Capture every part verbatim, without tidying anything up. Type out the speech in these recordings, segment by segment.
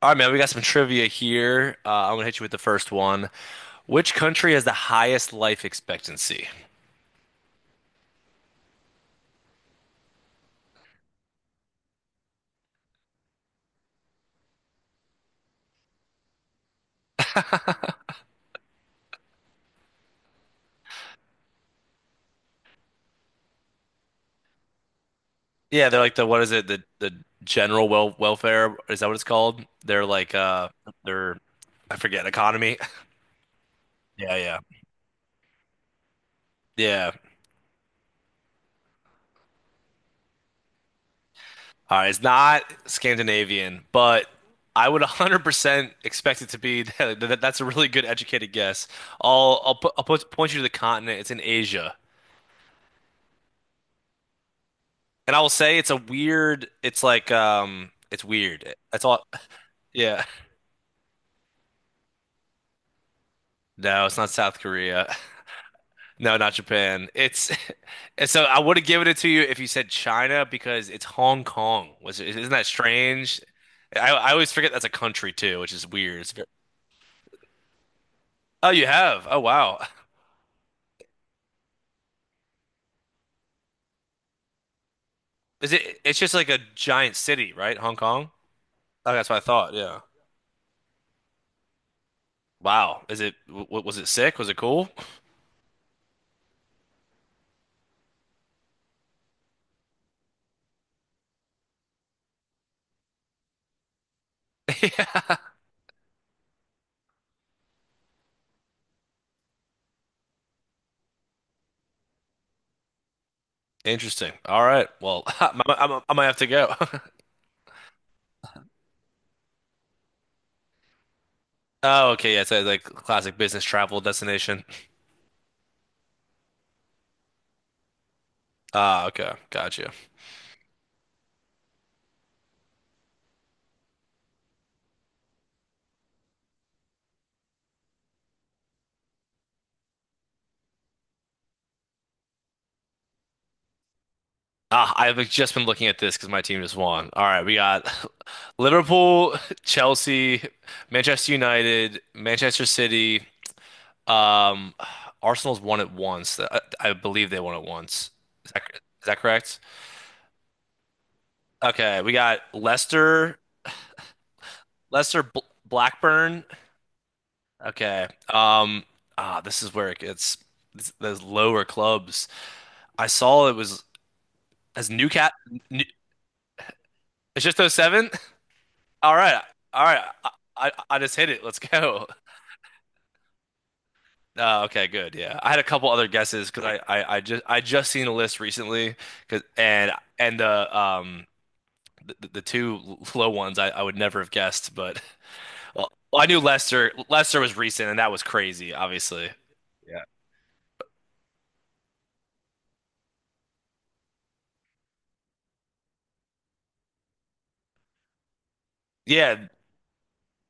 All right, man, we got some trivia here. Uh, I'm gonna hit you with the first one. Which country has the highest life expectancy? Yeah, they're like the what is it? The the general well welfare is that what it's called? They're like uh they're I forget economy. Yeah, yeah, yeah. All right, it's not Scandinavian, but I would one hundred percent expect it to be that, that- that's a really good educated guess. I'll I'll put I'll put, point you to the continent. It's in Asia, and I will say it's a weird. It's like um, it's weird. That's all. Yeah. No, it's not South Korea. No, not Japan. It's So I would have given it to you if you said China, because it's Hong Kong. Was it, isn't that strange? I I always forget that's a country too, which is weird. It's very- Oh, you have. Oh, wow. Is it it's just like a giant city, right? Hong Kong? Oh, that's what I thought. Yeah. Wow. Is it w was it sick? Was it cool? Yeah. Interesting. All right. Well, I'm, I'm, I might have to go. Oh, okay. Yeah, it's a, like classic business travel destination. Ah, okay. Gotcha. Ah, I've just been looking at this because my team just won. All right, we got Liverpool, Chelsea, Manchester United, Manchester City. Um, Arsenal's won it once. I, I believe they won it once. Is that, is that correct? Okay, we got Leicester, Leicester Bl Blackburn. Okay. Um, ah, this is where it gets this, those lower clubs. I saw it was as Newcastle. It's just those seven. All right. All right. I, I I just hit it. Let's go. Uh, okay, good. Yeah. I had a couple other guesses because I, I I just I just seen a list recently 'cause- and and the um the, the two low ones I, I would never have guessed, but well, well, I knew Lester Lester was recent and that was crazy, obviously. Yeah. Yeah,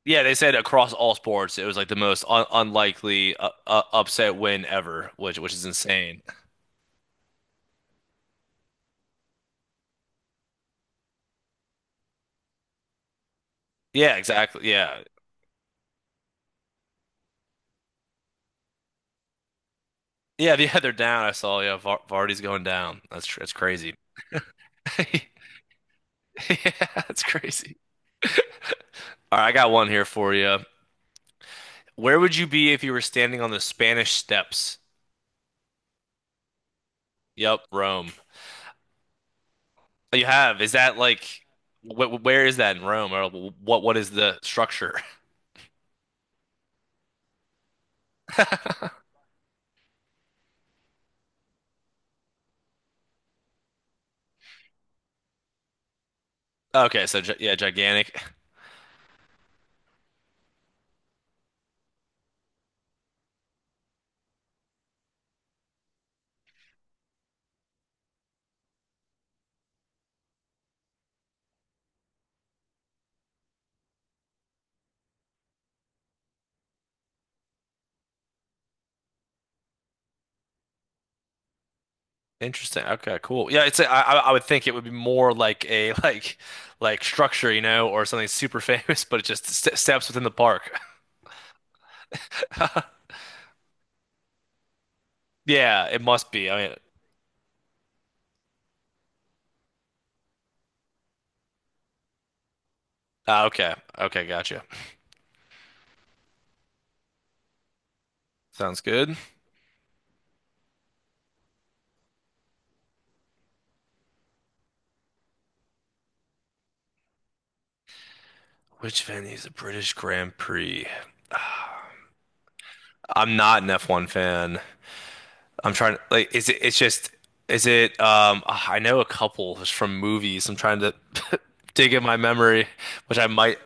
yeah, they said across all sports it was like the most un unlikely uh, uh, upset win ever, which which is insane. Yeah, exactly. Yeah, yeah, yeah, they're down. I saw. Yeah, Var Vardy's going down. That's tr that's crazy. Yeah, that's crazy. All right, I got one here for you. Where would you be if you were standing on the Spanish Steps? Yep, Rome. Oh, you have. Is that like, wh where is that in Rome, or what? What is the structure? Okay, so gi- yeah, gigantic. Interesting. Okay, cool. Yeah, it's. A, I I I would think it would be more like a like like structure, you know, or something super famous, but it just st steps within the park. Yeah, it must be. I mean, ah, okay. Okay, gotcha. Sounds good. Which venue is the British Grand Prix? I'm not an F one fan. I'm trying to like is it it's just is it um ah, I know a couple is from movies. I'm trying to dig in my memory, which I might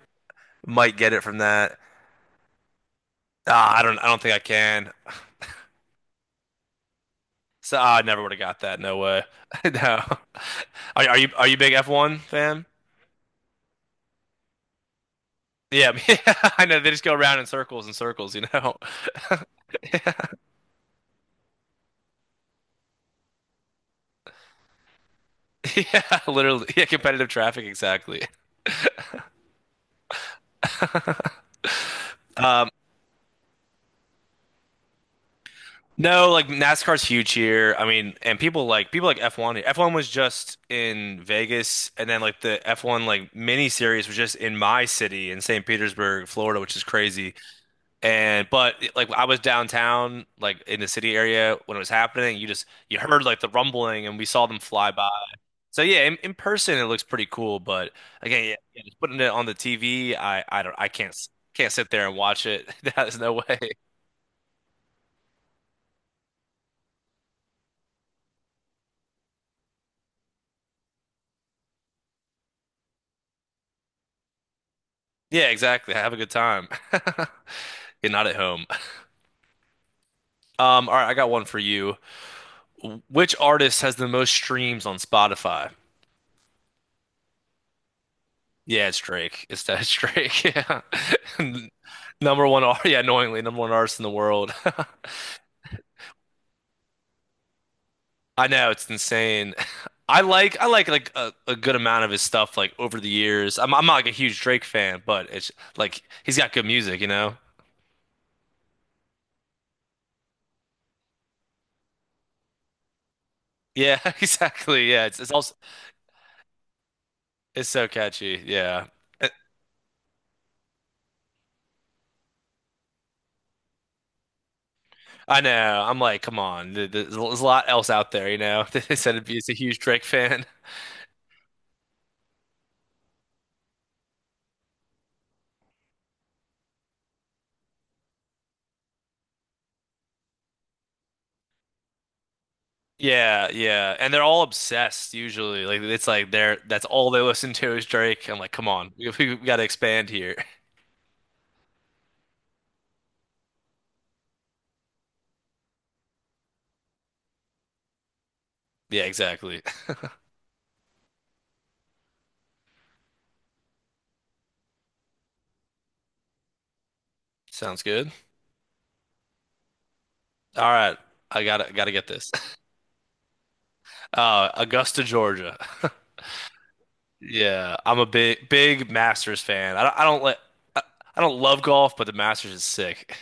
might get it from that. Ah, I don't I don't think I can. So ah, I never would have got that. No way. No. Are, are you are you a big F one fan? Yeah, I know they just go around in circles and circles, you know. Yeah, literally. Yeah, competitive traffic, exactly. Um, no, like NASCAR's huge here. I mean, and people like people like F one. F one was just in Vegas, and then like the F one like mini series was just in my city in Saint Petersburg, Florida, which is crazy. And but like I was downtown, like in the city area when it was happening, you just you heard like the rumbling, and we saw them fly by. So yeah, in, in person it looks pretty cool, but again, yeah, yeah, just putting it on the T V, I I don't I can't s- can't sit there and watch it. There's no way. Yeah, exactly. Have a good time. You're not at home. Um, all right, I got one for you. Which artist has the most streams on Spotify? Yeah, it's Drake. It's that it's Drake. Yeah. Number one, ar- yeah, annoyingly, number one artist in the world. I know it's insane. I like I like like a, a good amount of his stuff like over the years. I'm I'm not like a huge Drake fan, but it's like he's got good music, you know? Yeah, exactly. Yeah, it's it's also it's so catchy. Yeah. Uh, I know. I'm like, come on. th- th- There's a lot else out there, you know. They said it'd be it's a huge Drake fan. Yeah, yeah. And they're all obsessed usually. Like it's like they're that's all they listen to is Drake. I'm like, come on. We, we gotta expand here. Yeah, exactly. Sounds good. All right. I gotta gotta get this. Uh, Augusta, Georgia. Yeah, I'm a big big Masters fan. I don't, I don't let I, I don't love golf, but the Masters is sick.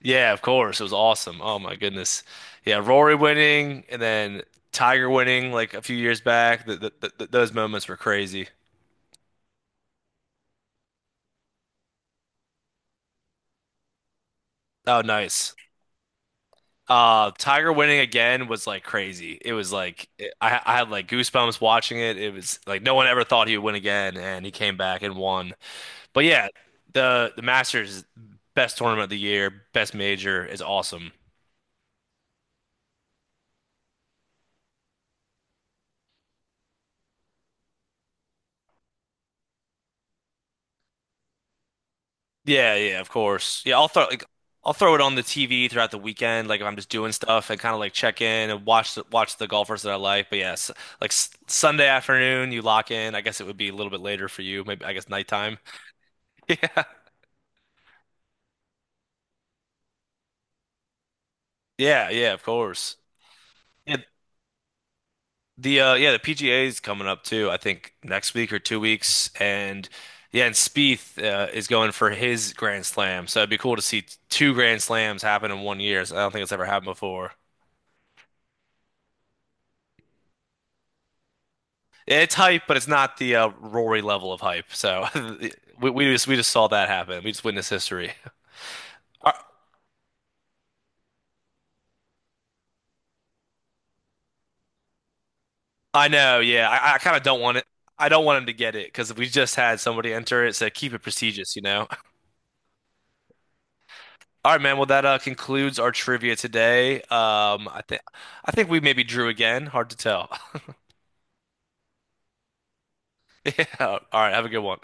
Yeah, of course. It was awesome. Oh my goodness. Yeah, Rory winning and then Tiger winning like a few years back. The, the, the, those moments were crazy. Oh, nice. Uh, Tiger winning again was like crazy. It was like I I had like goosebumps watching it. It was like no one ever thought he would win again, and he came back and won. But yeah, the the Masters best tournament of the year, best major is awesome. Yeah, yeah, of course. Yeah, I'll throw like I'll throw it on the T V throughout the weekend, like if I'm just doing stuff and kind of like check in and watch the, watch the golfers that I like. But yes, like s Sunday afternoon, you lock in. I guess it would be a little bit later for you, maybe I guess nighttime. Yeah, yeah, yeah, of course. Yeah, The uh yeah, the P G A is coming up too, I think next week or two weeks. And yeah, and Spieth uh, is going for his Grand Slam. So it'd be cool to see two Grand Slams happen in one year. So I don't think it's ever happened before. Yeah, it's hype, but it's not the uh, Rory level of hype. So we, we just we just saw that happen. We just witnessed history. I, I know, yeah. I, I kind of don't want it. I don't want him to get it because we just had somebody enter it, so keep it prestigious, you know? All right, man. Well, that uh, concludes our trivia today. Um, I think I think we maybe drew again. Hard to tell. Yeah. All right. Have a good one.